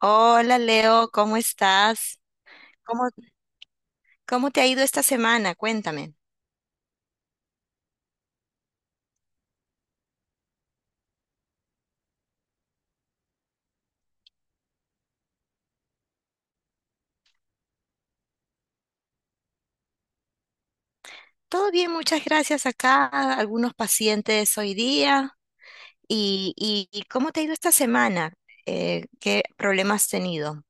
Hola Leo, ¿cómo estás? ¿Cómo, cómo te ha ido esta semana? Cuéntame. Todo bien, muchas gracias acá. Algunos pacientes hoy día. ¿Y cómo te ha ido esta semana? ¿Qué problemas has tenido?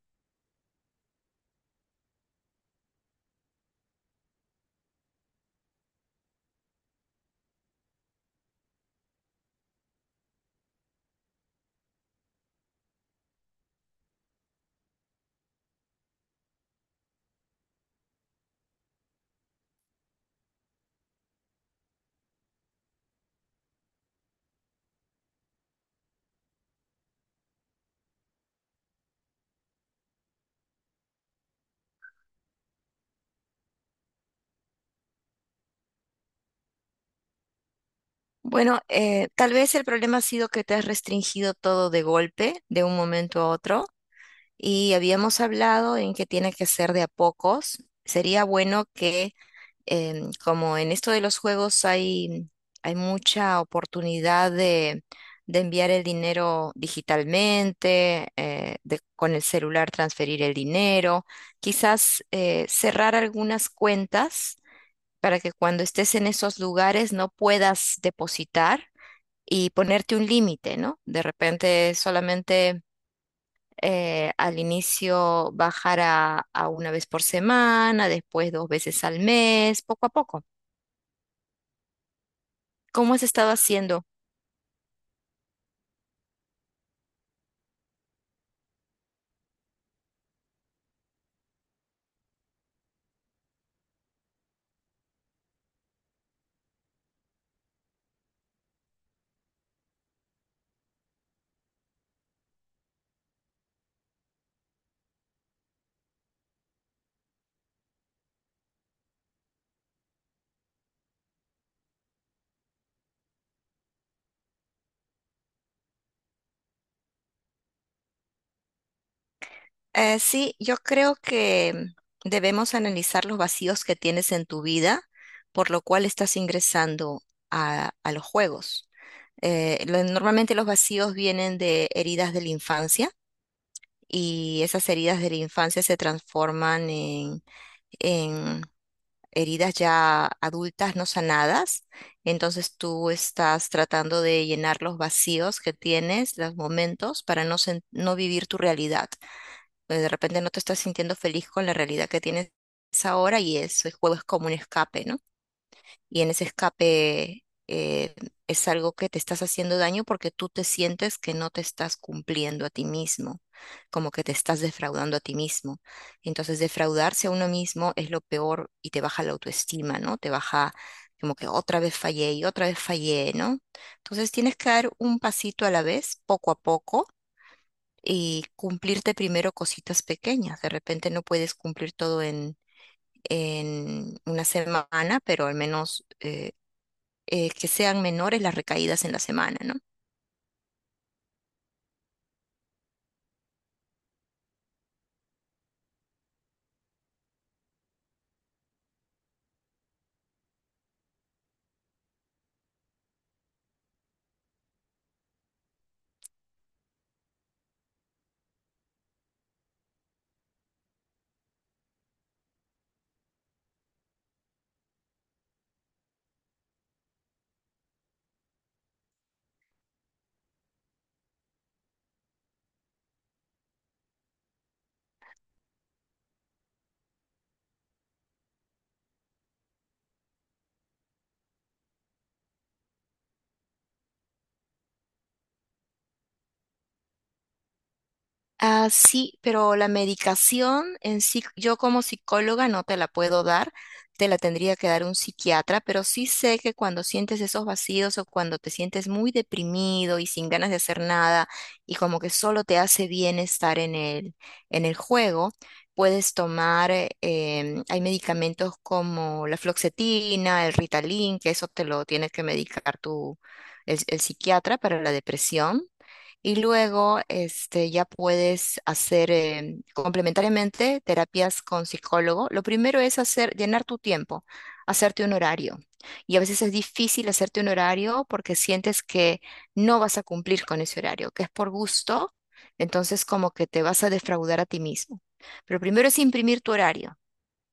Bueno, tal vez el problema ha sido que te has restringido todo de golpe, de un momento a otro, y habíamos hablado en que tiene que ser de a pocos. Sería bueno que como en esto de los juegos hay mucha oportunidad de enviar el dinero digitalmente, de con el celular transferir el dinero, quizás cerrar algunas cuentas para que cuando estés en esos lugares no puedas depositar y ponerte un límite, ¿no? De repente solamente, al inicio bajar a una vez por semana, después dos veces al mes, poco a poco. ¿Cómo has estado haciendo? Sí, yo creo que debemos analizar los vacíos que tienes en tu vida, por lo cual estás ingresando a los juegos. Normalmente los vacíos vienen de heridas de la infancia y esas heridas de la infancia se transforman en heridas ya adultas no sanadas. Entonces tú estás tratando de llenar los vacíos que tienes, los momentos, para no vivir tu realidad. Pues, de repente no te estás sintiendo feliz con la realidad que tienes ahora y eso, el juego es como un escape, ¿no? Y en ese escape es algo que te estás haciendo daño porque tú te sientes que no te estás cumpliendo a ti mismo, como que te estás defraudando a ti mismo. Entonces, defraudarse a uno mismo es lo peor y te baja la autoestima, ¿no? Te baja como que otra vez fallé y otra vez fallé, ¿no? Entonces, tienes que dar un pasito a la vez, poco a poco y cumplirte primero cositas pequeñas. De repente no puedes cumplir todo en una semana, pero al menos que sean menores las recaídas en la semana, ¿no? Ah, sí, pero la medicación en sí, yo como psicóloga no te la puedo dar, te la tendría que dar un psiquiatra, pero sí sé que cuando sientes esos vacíos o cuando te sientes muy deprimido y sin ganas de hacer nada y como que solo te hace bien estar en el juego, puedes tomar, hay medicamentos como la fluoxetina, el Ritalin, que eso te lo tiene que medicar tu, el psiquiatra para la depresión. Y luego, este, ya puedes hacer complementariamente terapias con psicólogo. Lo primero es hacer, llenar tu tiempo, hacerte un horario. Y a veces es difícil hacerte un horario porque sientes que no vas a cumplir con ese horario, que es por gusto, entonces como que te vas a defraudar a ti mismo. Pero primero es imprimir tu horario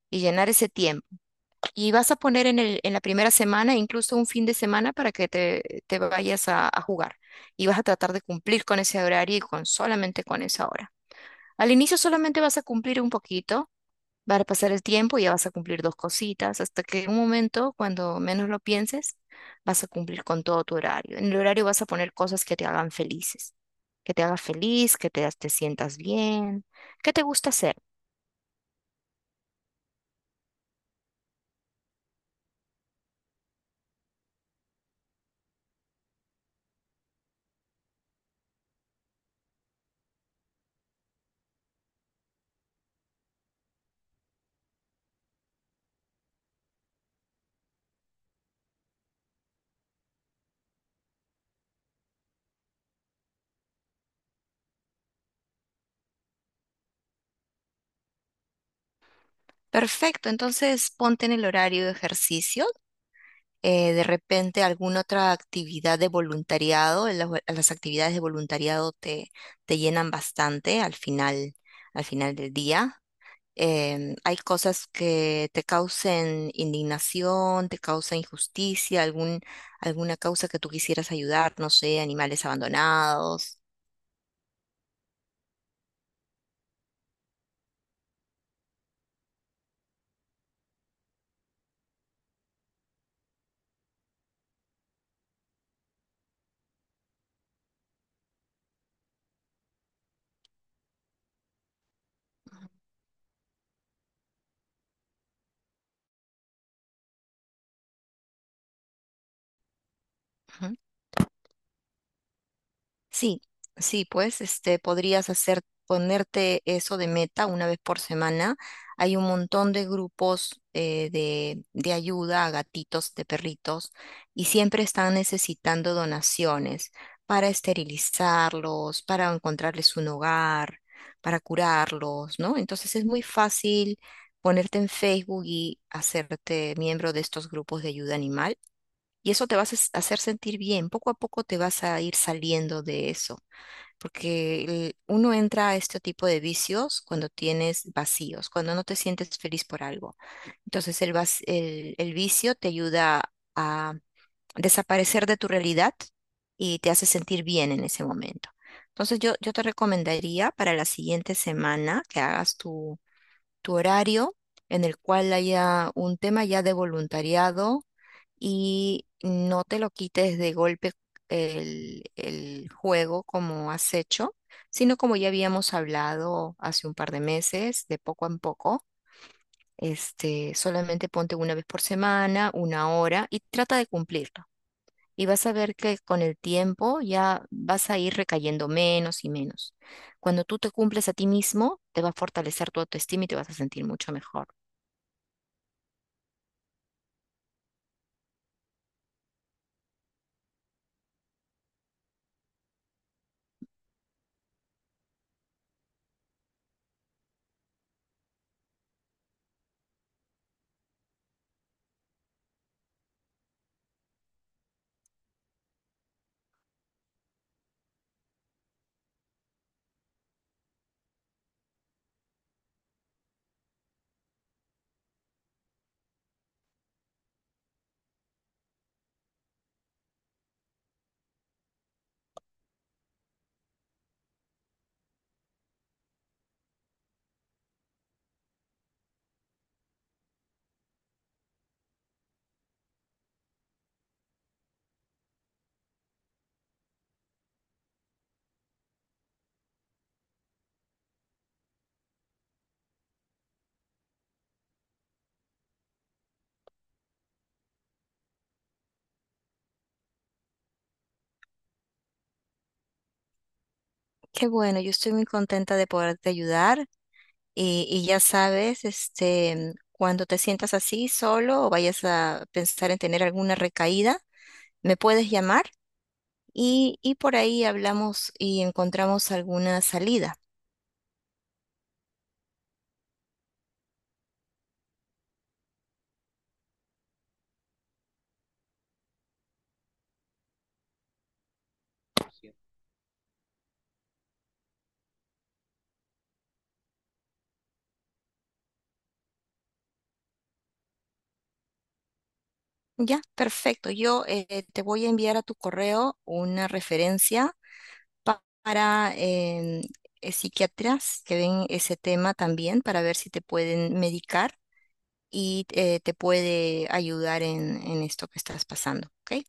y llenar ese tiempo. Y vas a poner en el, en la primera semana, incluso un fin de semana, para que te vayas a jugar. Y vas a tratar de cumplir con ese horario y con solamente con esa hora. Al inicio solamente vas a cumplir un poquito, va a pasar el tiempo y ya vas a cumplir dos cositas, hasta que en un momento, cuando menos lo pienses, vas a cumplir con todo tu horario. En el horario vas a poner cosas que te hagan felices, que te haga feliz, que te sientas bien, que te gusta hacer. Perfecto, entonces ponte en el horario de ejercicio, de repente alguna otra actividad de voluntariado, en las actividades de voluntariado te, te llenan bastante al final del día. Hay cosas que te causen indignación, te causa injusticia, alguna causa que tú quisieras ayudar, no sé, animales abandonados. Sí, sí, pues este podrías hacer ponerte eso de meta una vez por semana. Hay un montón de grupos de ayuda a gatitos, de perritos, y siempre están necesitando donaciones para esterilizarlos, para encontrarles un hogar, para curarlos, ¿no? Entonces es muy fácil ponerte en Facebook y hacerte miembro de estos grupos de ayuda animal. Y eso te vas a hacer sentir bien. Poco a poco te vas a ir saliendo de eso. Porque uno entra a este tipo de vicios cuando tienes vacíos, cuando no te sientes feliz por algo. Entonces el vicio te ayuda a desaparecer de tu realidad y te hace sentir bien en ese momento. Entonces yo te recomendaría para la siguiente semana que hagas tu, tu horario en el cual haya un tema ya de voluntariado y no te lo quites de golpe el juego como has hecho, sino como ya habíamos hablado hace un par de meses, de poco en poco, este, solamente ponte una vez por semana, una hora y trata de cumplirlo. Y vas a ver que con el tiempo ya vas a ir recayendo menos y menos. Cuando tú te cumples a ti mismo, te va a fortalecer tu autoestima y te vas a sentir mucho mejor. Qué bueno, yo estoy muy contenta de poderte ayudar. Y ya sabes, este, cuando te sientas así solo o vayas a pensar en tener alguna recaída, me puedes llamar y por ahí hablamos y encontramos alguna salida. Ya, perfecto. Yo te voy a enviar a tu correo una referencia para psiquiatras que ven ese tema también para ver si te pueden medicar y te puede ayudar en esto que estás pasando. ¿Ok?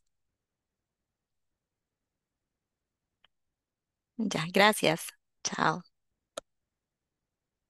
Ya, gracias. Chao.